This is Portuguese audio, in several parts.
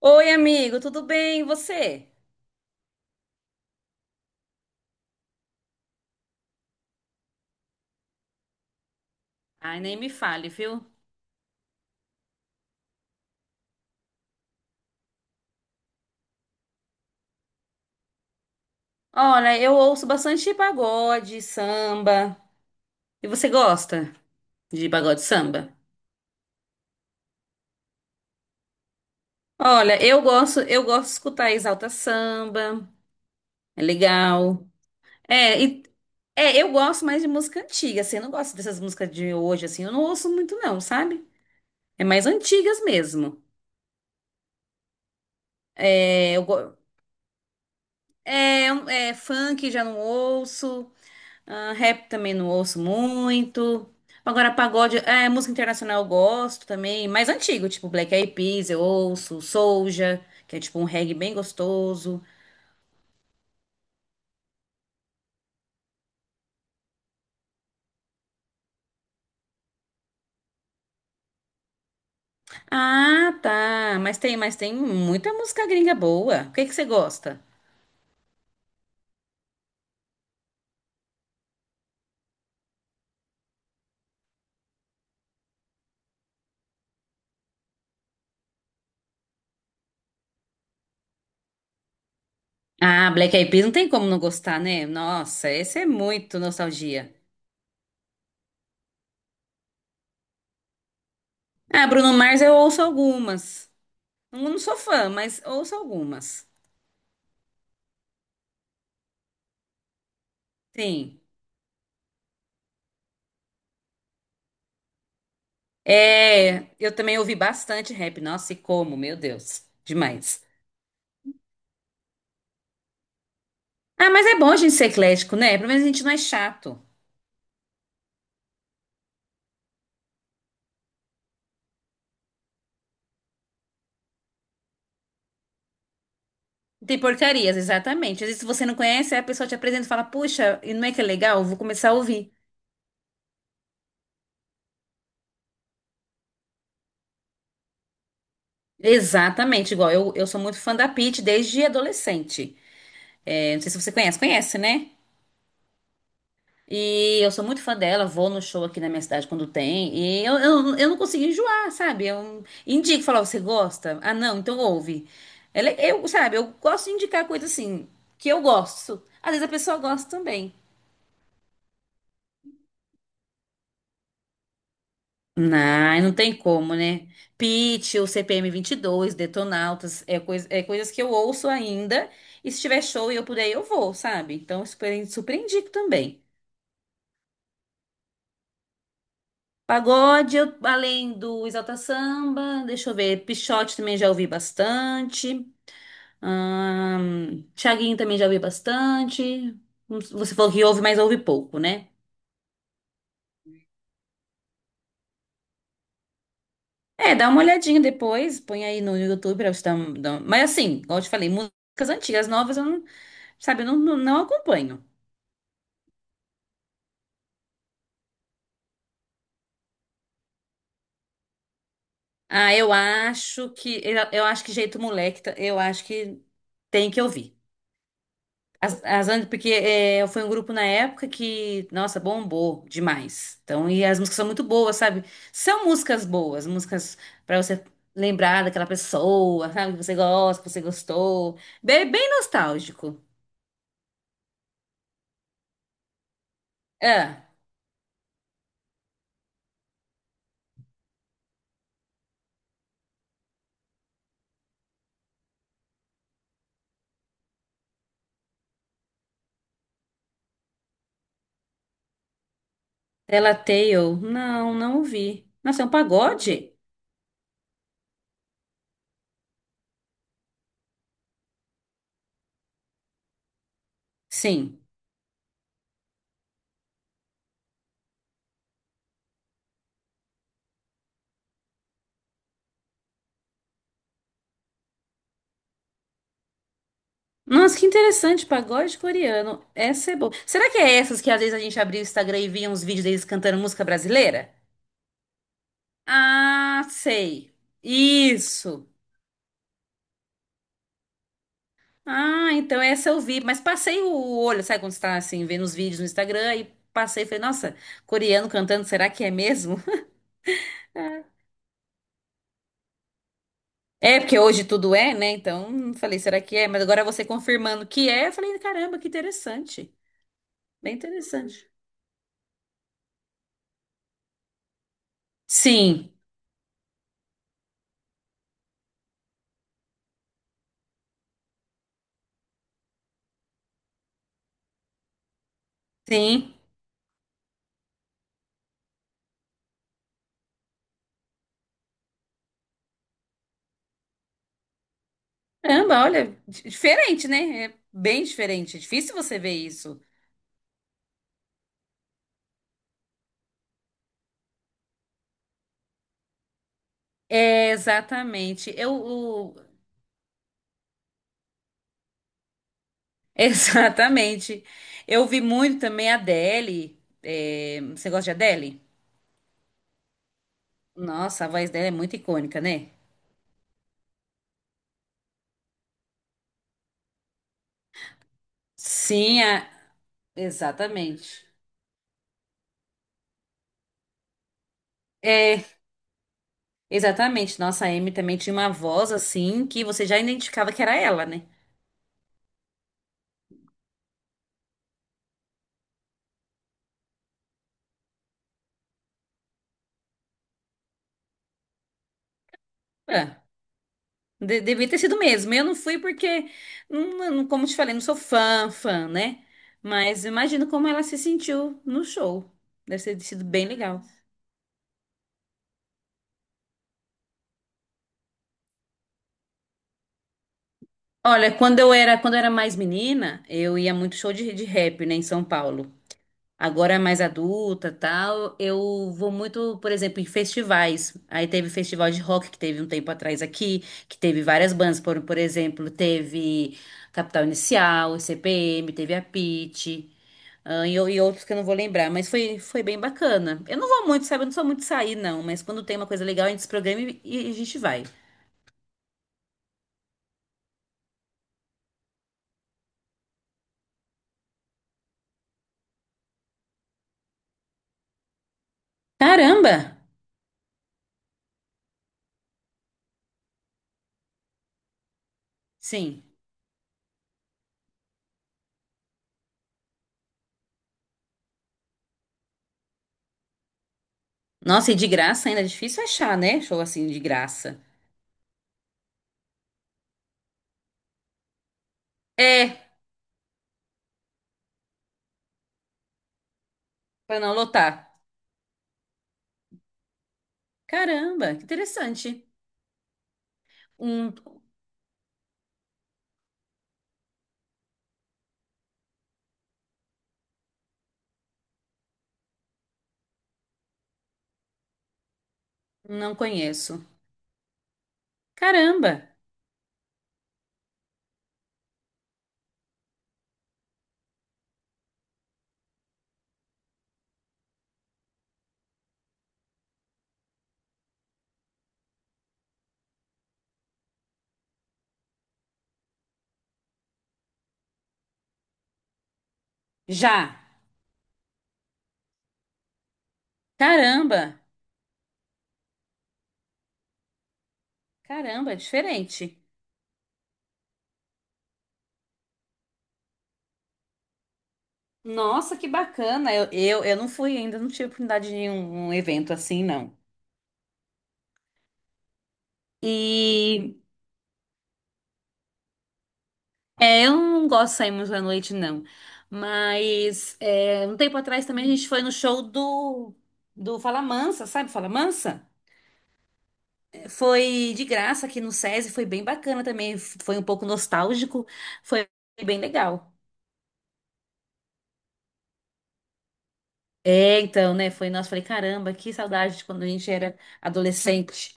Oi, amigo, tudo bem? E você? Ai, nem me fale, viu? Olha, eu ouço bastante pagode, samba. E você gosta de pagode e samba? Olha, eu gosto de escutar Exalta Samba. É legal. É, e- é, eu gosto mais de música antiga, assim, eu não gosto dessas músicas de hoje, assim, eu não ouço muito não, sabe? É mais antigas mesmo. É, eu, go- é, é, funk já não ouço. Ah, rap também não ouço muito. Agora, pagode, música internacional eu gosto também, mais antigo, tipo Black Eyed Peas, eu ouço, Soulja, que é tipo um reggae bem gostoso. Ah, tá, mas tem muita música gringa boa. O que que você gosta? Ah, Black Eyed Peas não tem como não gostar, né? Nossa, esse é muito nostalgia. Ah, Bruno Mars eu ouço algumas. Não sou fã, mas ouço algumas. Sim. É, eu também ouvi bastante rap. Nossa, e como, meu Deus, demais. Ah, mas é bom a gente ser eclético, né? Pelo menos a gente não é chato. Tem porcarias, exatamente. Às vezes, se você não conhece, aí a pessoa te apresenta e fala, puxa, e não é que é legal? Eu vou começar a ouvir. Exatamente, igual eu sou muito fã da Pitty desde adolescente. É, não sei se você conhece, conhece, né? E eu sou muito fã dela, vou no show aqui na minha cidade quando tem. E eu não consigo enjoar, sabe? Eu indico, falar, você gosta? Ah, não, então ouve. Sabe, eu gosto de indicar coisa assim, que eu gosto. Às vezes a pessoa gosta também. Não, não tem como, né? Pitty, o CPM 2 Detonautas, coisas que eu ouço ainda. E se tiver show e eu puder, eu vou, sabe? Então, eu super, super indico também. Pagode, além do Exalta Samba, deixa eu ver, Pixote também já ouvi bastante. Thiaguinho também já ouvi bastante. Você falou que ouve, mas ouve pouco, né? É, dá uma olhadinha depois, põe aí no YouTube pra você mas assim, como eu te falei, músicas antigas, novas, eu não, sabe, eu não acompanho. Ah, eu acho que Jeito Moleque, eu acho que tem que ouvir. Porque foi um grupo na época que, nossa, bombou demais. Então, e as músicas são muito boas, sabe? São músicas boas, músicas pra você lembrar daquela pessoa, sabe? Que você gosta, que você gostou. Bem, bem nostálgico. Ah, Tela Tale. Não, não ouvi. Nossa, é um pagode? Sim. Nossa, que interessante, pagode coreano. Essa é boa. Será que é essas que às vezes a gente abria o Instagram e via uns vídeos deles cantando música brasileira? Ah, sei. Isso. Ah, então essa eu vi, mas passei o olho, sabe quando você tá assim, vendo os vídeos no Instagram e passei, e falei, nossa, coreano cantando, será que é mesmo? É, porque hoje tudo é, né? Então, falei, será que é? Mas agora você confirmando que é, eu falei, caramba, que interessante. Bem interessante. Sim, sim. Caramba, olha, diferente, né? É bem diferente. É difícil você ver isso. É, exatamente. Exatamente. Eu vi muito também a Adele. É, você gosta de Adele? Nossa, a voz dela é muito icônica, né? Sim, exatamente. É, exatamente. Nossa, a Amy também tinha uma voz assim que você já identificava que era ela, né? Ah, devia ter sido mesmo. Eu não fui porque, como te falei, não sou fã, fã, né? Mas imagino como ela se sentiu no show. Deve ter sido bem legal. Olha, quando eu era mais menina, eu ia muito show de, rap, né, em São Paulo. Agora é mais adulta, tal, eu vou muito, por exemplo, em festivais. Aí teve festival de rock que teve um tempo atrás aqui, que teve várias bandas, por exemplo, teve Capital Inicial, CPM, teve a Pitty, ah, e outros que eu não vou lembrar, mas foi bem bacana. Eu não vou muito, sabe? Eu não sou muito de sair, não, mas quando tem uma coisa legal, a gente se programa e a gente vai. Caramba! Sim. Nossa, e de graça ainda é difícil achar, né? Show assim de graça. É, pra não lotar. Caramba, que interessante. Um, não conheço. Caramba, já. Caramba, caramba, é diferente. Nossa, que bacana. Eu não fui ainda, não tive oportunidade de ir em um evento assim, não. E eu não gosto de sair muito à noite, não. Mas um tempo atrás também a gente foi no show do Falamansa, sabe Falamansa? Foi de graça aqui no SESI, foi bem bacana também. Foi um pouco nostálgico, foi bem legal. É, então, né? Foi, nossa, falei, caramba, que saudade de quando a gente era adolescente.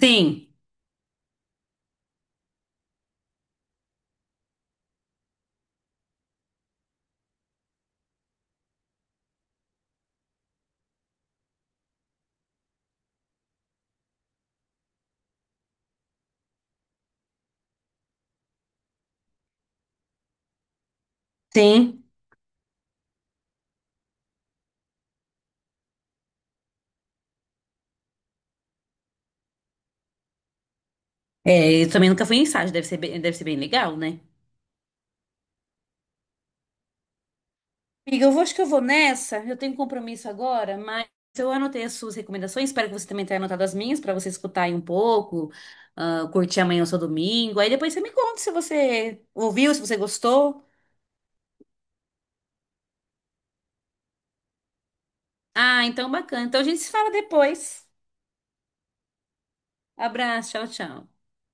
Sim, sim. É, eu também nunca fui em estágio, deve ser bem legal, né? Amiga, eu vou, acho que eu vou nessa. Eu tenho um compromisso agora, mas eu anotei as suas recomendações. Espero que você também tenha anotado as minhas, para você escutar aí um pouco, ah, curtir amanhã o seu domingo. Aí depois você me conta se você ouviu, se você gostou. Ah, então bacana. Então a gente se fala depois. Abraço, tchau, tchau.